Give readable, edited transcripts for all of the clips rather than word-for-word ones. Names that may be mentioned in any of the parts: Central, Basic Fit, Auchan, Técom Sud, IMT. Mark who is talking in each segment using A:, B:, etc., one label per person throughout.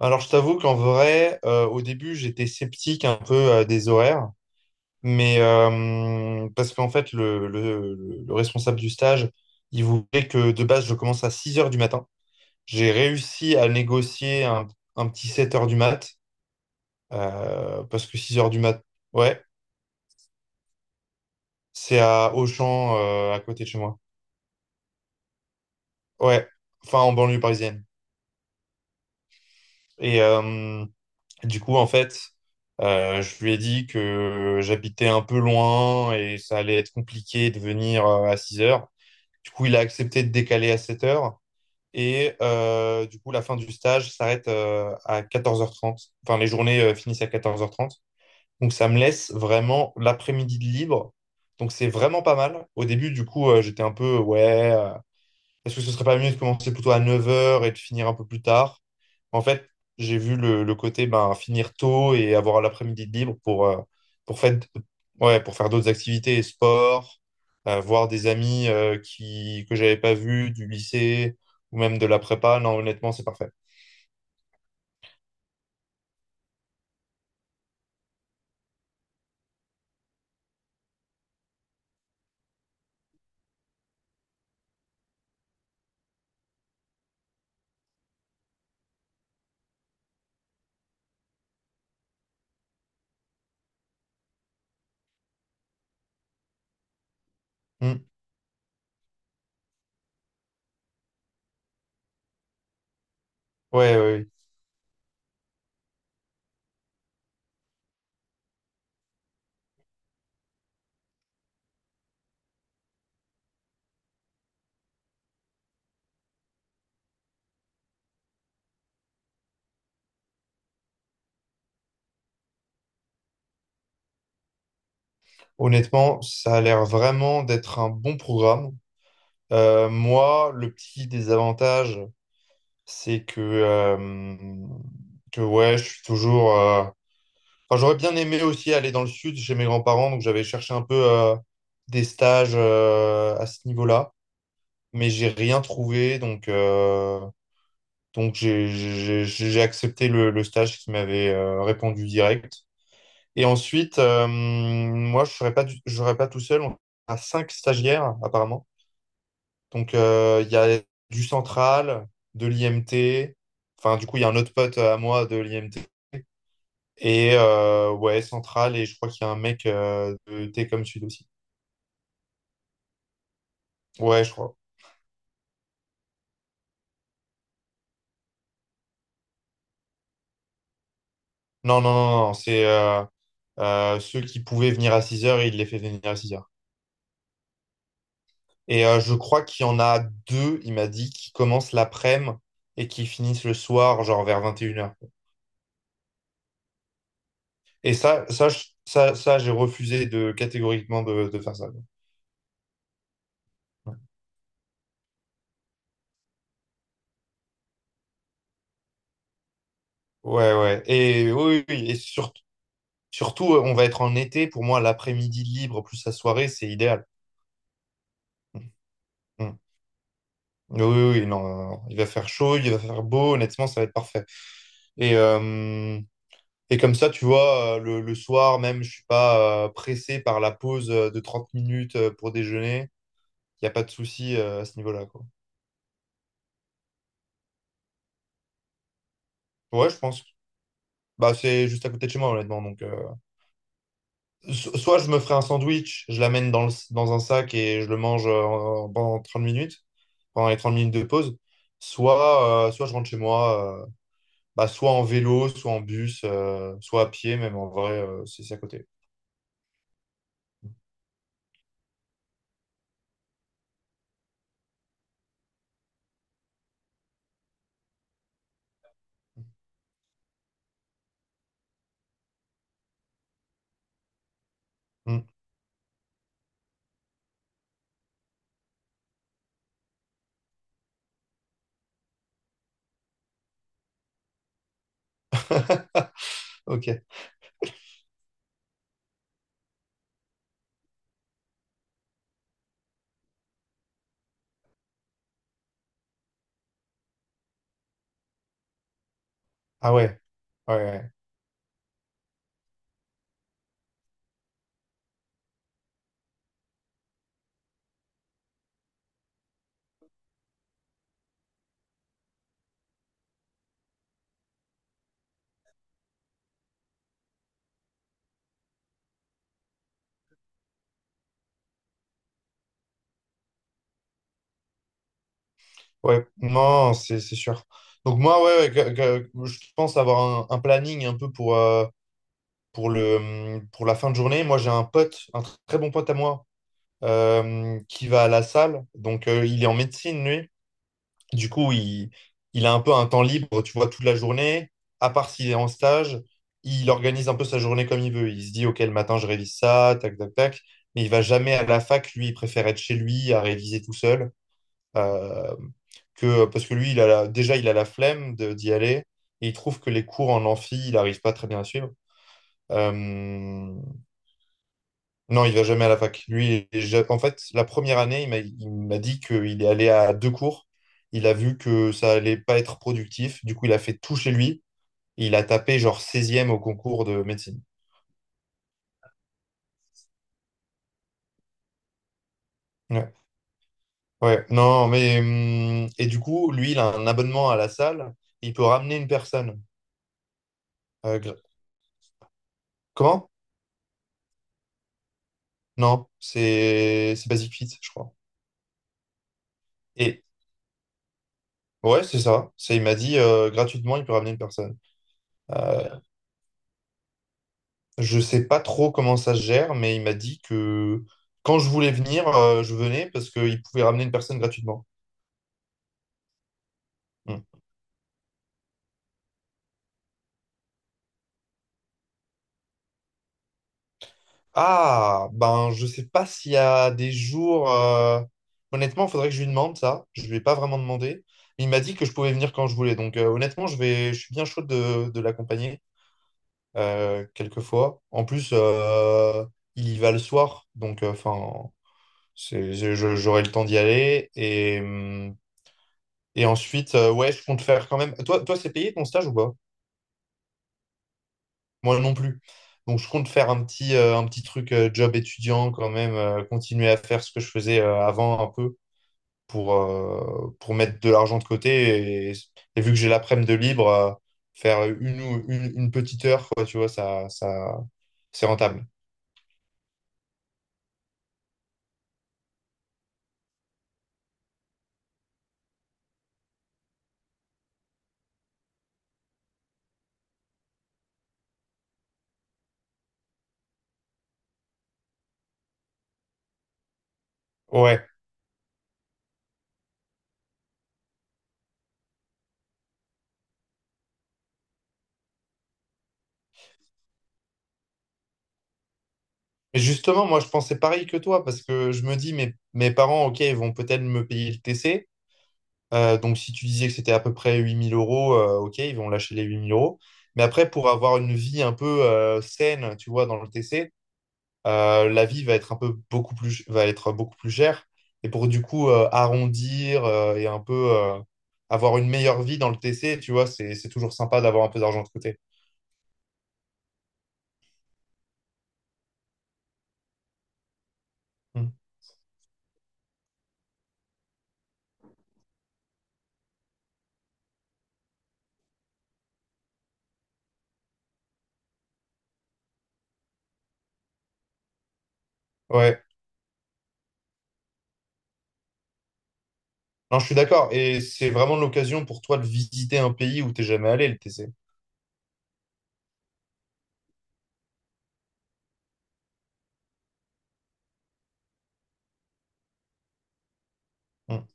A: Alors, je t'avoue qu'en vrai, au début, j'étais sceptique un peu des horaires, mais parce qu'en fait, responsable du stage, il voulait que de base, je commence à 6 heures du matin. J'ai réussi à négocier un petit 7 heures du mat, parce que 6 heures du mat, ouais, c'est à Auchan, à côté de chez moi. Ouais, enfin, en banlieue parisienne. Et, du coup, en fait, je lui ai dit que j'habitais un peu loin et ça allait être compliqué de venir à 6 heures. Du coup, il a accepté de décaler à 7 heures. Et du coup, la fin du stage s'arrête à 14h30. Enfin, les journées finissent à 14h30. Donc, ça me laisse vraiment l'après-midi de libre. Donc, c'est vraiment pas mal. Au début, du coup, j'étais un peu, ouais, est-ce que ce serait pas mieux de commencer plutôt à 9 heures et de finir un peu plus tard? En fait, j'ai vu le côté ben, finir tôt et avoir l'après-midi de libre pour, faire, ouais, pour faire d'autres activités, sport, voir des amis que j'avais pas vus du lycée ou même de la prépa. Non, honnêtement, c'est parfait. Hmm. Ouais, ouais, ouais. Honnêtement, ça a l'air vraiment d'être un bon programme. Moi, le petit désavantage, c'est que ouais, je suis toujours. Enfin, j'aurais bien aimé aussi aller dans le sud chez mes grands-parents, donc j'avais cherché un peu des stages à ce niveau-là, mais j'ai rien trouvé, donc j'ai accepté le stage qui m'avait répondu direct. Et ensuite, moi, je serais pas tout seul, on a cinq stagiaires apparemment. Donc il y a du central, de l'IMT, enfin du coup il y a un autre pote à moi de l'IMT. Et ouais, Central, et je crois qu'il y a un mec de Técom Sud aussi. Ouais, je crois. Non, non, non, non, c'est ceux qui pouvaient venir à 6 heures il les fait venir à 6 heures. Et je crois qu'il y en a deux, il m'a dit, qui commencent l'après-midi et qui finissent le soir, genre vers 21 heures. Et ça j'ai refusé de catégoriquement de faire ça. Ouais, ouais, ouais. Et oui, oui, oui. Surtout, on va être en été. Pour moi, l'après-midi libre plus la soirée, c'est idéal. Mm. Mm. Oui, oui, oui, non, non, non. Il va faire chaud, il va faire beau, honnêtement, ça va être parfait. Et, euh, et comme ça, tu vois, le soir même, je suis pas pressé par la pause de 30 minutes pour déjeuner. Il n'y a pas de souci à ce niveau-là, quoi. Ouais, je pense. Bah, c'est juste à côté de chez moi, honnêtement. Donc, soit je me ferai un sandwich, je l'amène dans dans un sac et je le mange pendant 30 minutes, pendant les 30 minutes de pause. Soit, soit je rentre chez moi, bah, soit en vélo, soit en bus, soit à pied, même en vrai, c'est à côté. Hmm. Ok. Ah ouais, ouais, ouais. Ouais. Non, c'est sûr. Donc moi, ouais, ouais, je pense avoir un planning un peu pour, pour la fin de journée. Moi, j'ai un pote, très bon pote à moi, qui va à la salle. Donc, il est en médecine, lui. Du coup, il a un peu un temps libre, tu vois, toute la journée, à part s'il est en stage, il organise un peu sa journée comme il veut. Il se dit, OK, le matin, je révise ça, tac, tac, tac. Mais il va jamais à la fac, lui, il préfère être chez lui à réviser tout seul. euh, parce que lui, déjà, il a la flemme d'y aller. Et il trouve que les cours en amphi, il n'arrive pas très bien à suivre. Euh, non, il va jamais à la fac. Lui, en fait, la première année, il m'a dit qu'il est allé à deux cours. Il a vu que ça allait pas être productif. Du coup, il a fait tout chez lui. Il a tapé genre 16e au concours de médecine. Ouais, ouais. Non, mais et du coup, lui, il a un abonnement à la salle. Il peut ramener une personne. Euh, gra- comment? Non, c'est Basic Fit, je crois. Et ouais, c'est ça. C'est, il m'a dit gratuitement, il peut ramener une personne. Euh, Je sais pas trop comment ça se gère, mais il m'a dit que quand je voulais venir, je venais parce qu'il pouvait ramener une personne gratuitement. Hmm. Ah, ben je sais pas s'il y a des jours. Honnêtement, il faudrait que je lui demande ça. Je lui ai pas vraiment demandé. Il m'a dit que je pouvais venir quand je voulais. Donc honnêtement, je vais... je suis bien chaud de l'accompagner quelquefois. En plus, il y va le soir, donc enfin, c'est... j'aurai le temps d'y aller et. Hmm. Et ensuite, ouais, je compte faire quand même. Toi, toi, c'est payé ton stage ou pas? Moi non plus. Donc, je compte faire un petit truc job étudiant quand même, continuer à faire ce que je faisais avant un peu pour mettre de l'argent de côté. Et vu que j'ai l'après-midi de libre, faire une petite heure, quoi, tu vois, ça, c'est rentable. Ouais. Et justement, moi, je pensais pareil que toi parce que je me dis, mes, mes parents, ok, ils vont peut-être me payer le TC. Donc, si tu disais que c'était à peu près 8000 euros, ok, ils vont lâcher les 8000 euros. Mais après, pour avoir une vie un peu saine, tu vois, dans le TC, la vie va être un peu beaucoup plus, va être beaucoup plus chère. Et pour du coup arrondir et un peu avoir une meilleure vie dans le TC, tu vois, c'est toujours sympa d'avoir un peu d'argent de côté. Mm. Ouais, non, je suis d'accord. Et c'est vraiment l'occasion pour toi de visiter un pays où t'es jamais allé, le TC. Mm.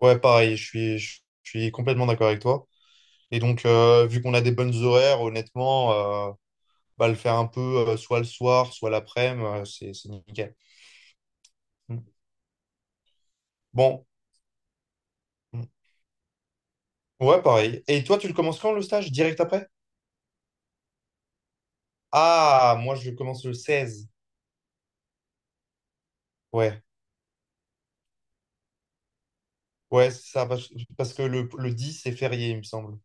A: Ouais, pareil, je suis complètement d'accord avec toi. Et donc, vu qu'on a des bonnes horaires, honnêtement, euh, bah, le faire un peu soit le soir, soit l'après-midi, c'est nickel. Mm. Bon. Mm. Ouais, pareil. Et toi, tu le commences quand le stage? Direct après? Ah, moi, je le commence le 16. Ouais, ouais, c'est ça, parce que le 10, c'est férié, il me semble.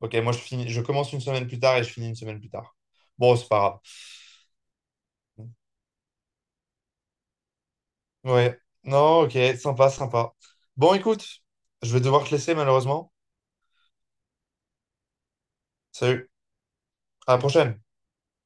A: Ok, moi, je finis, je commence une semaine plus tard et je finis une semaine plus tard. Bon, c'est pas grave. Ouais, non, ok, sympa, sympa. Bon, écoute, je vais devoir te laisser, malheureusement. Salut, à la prochaine.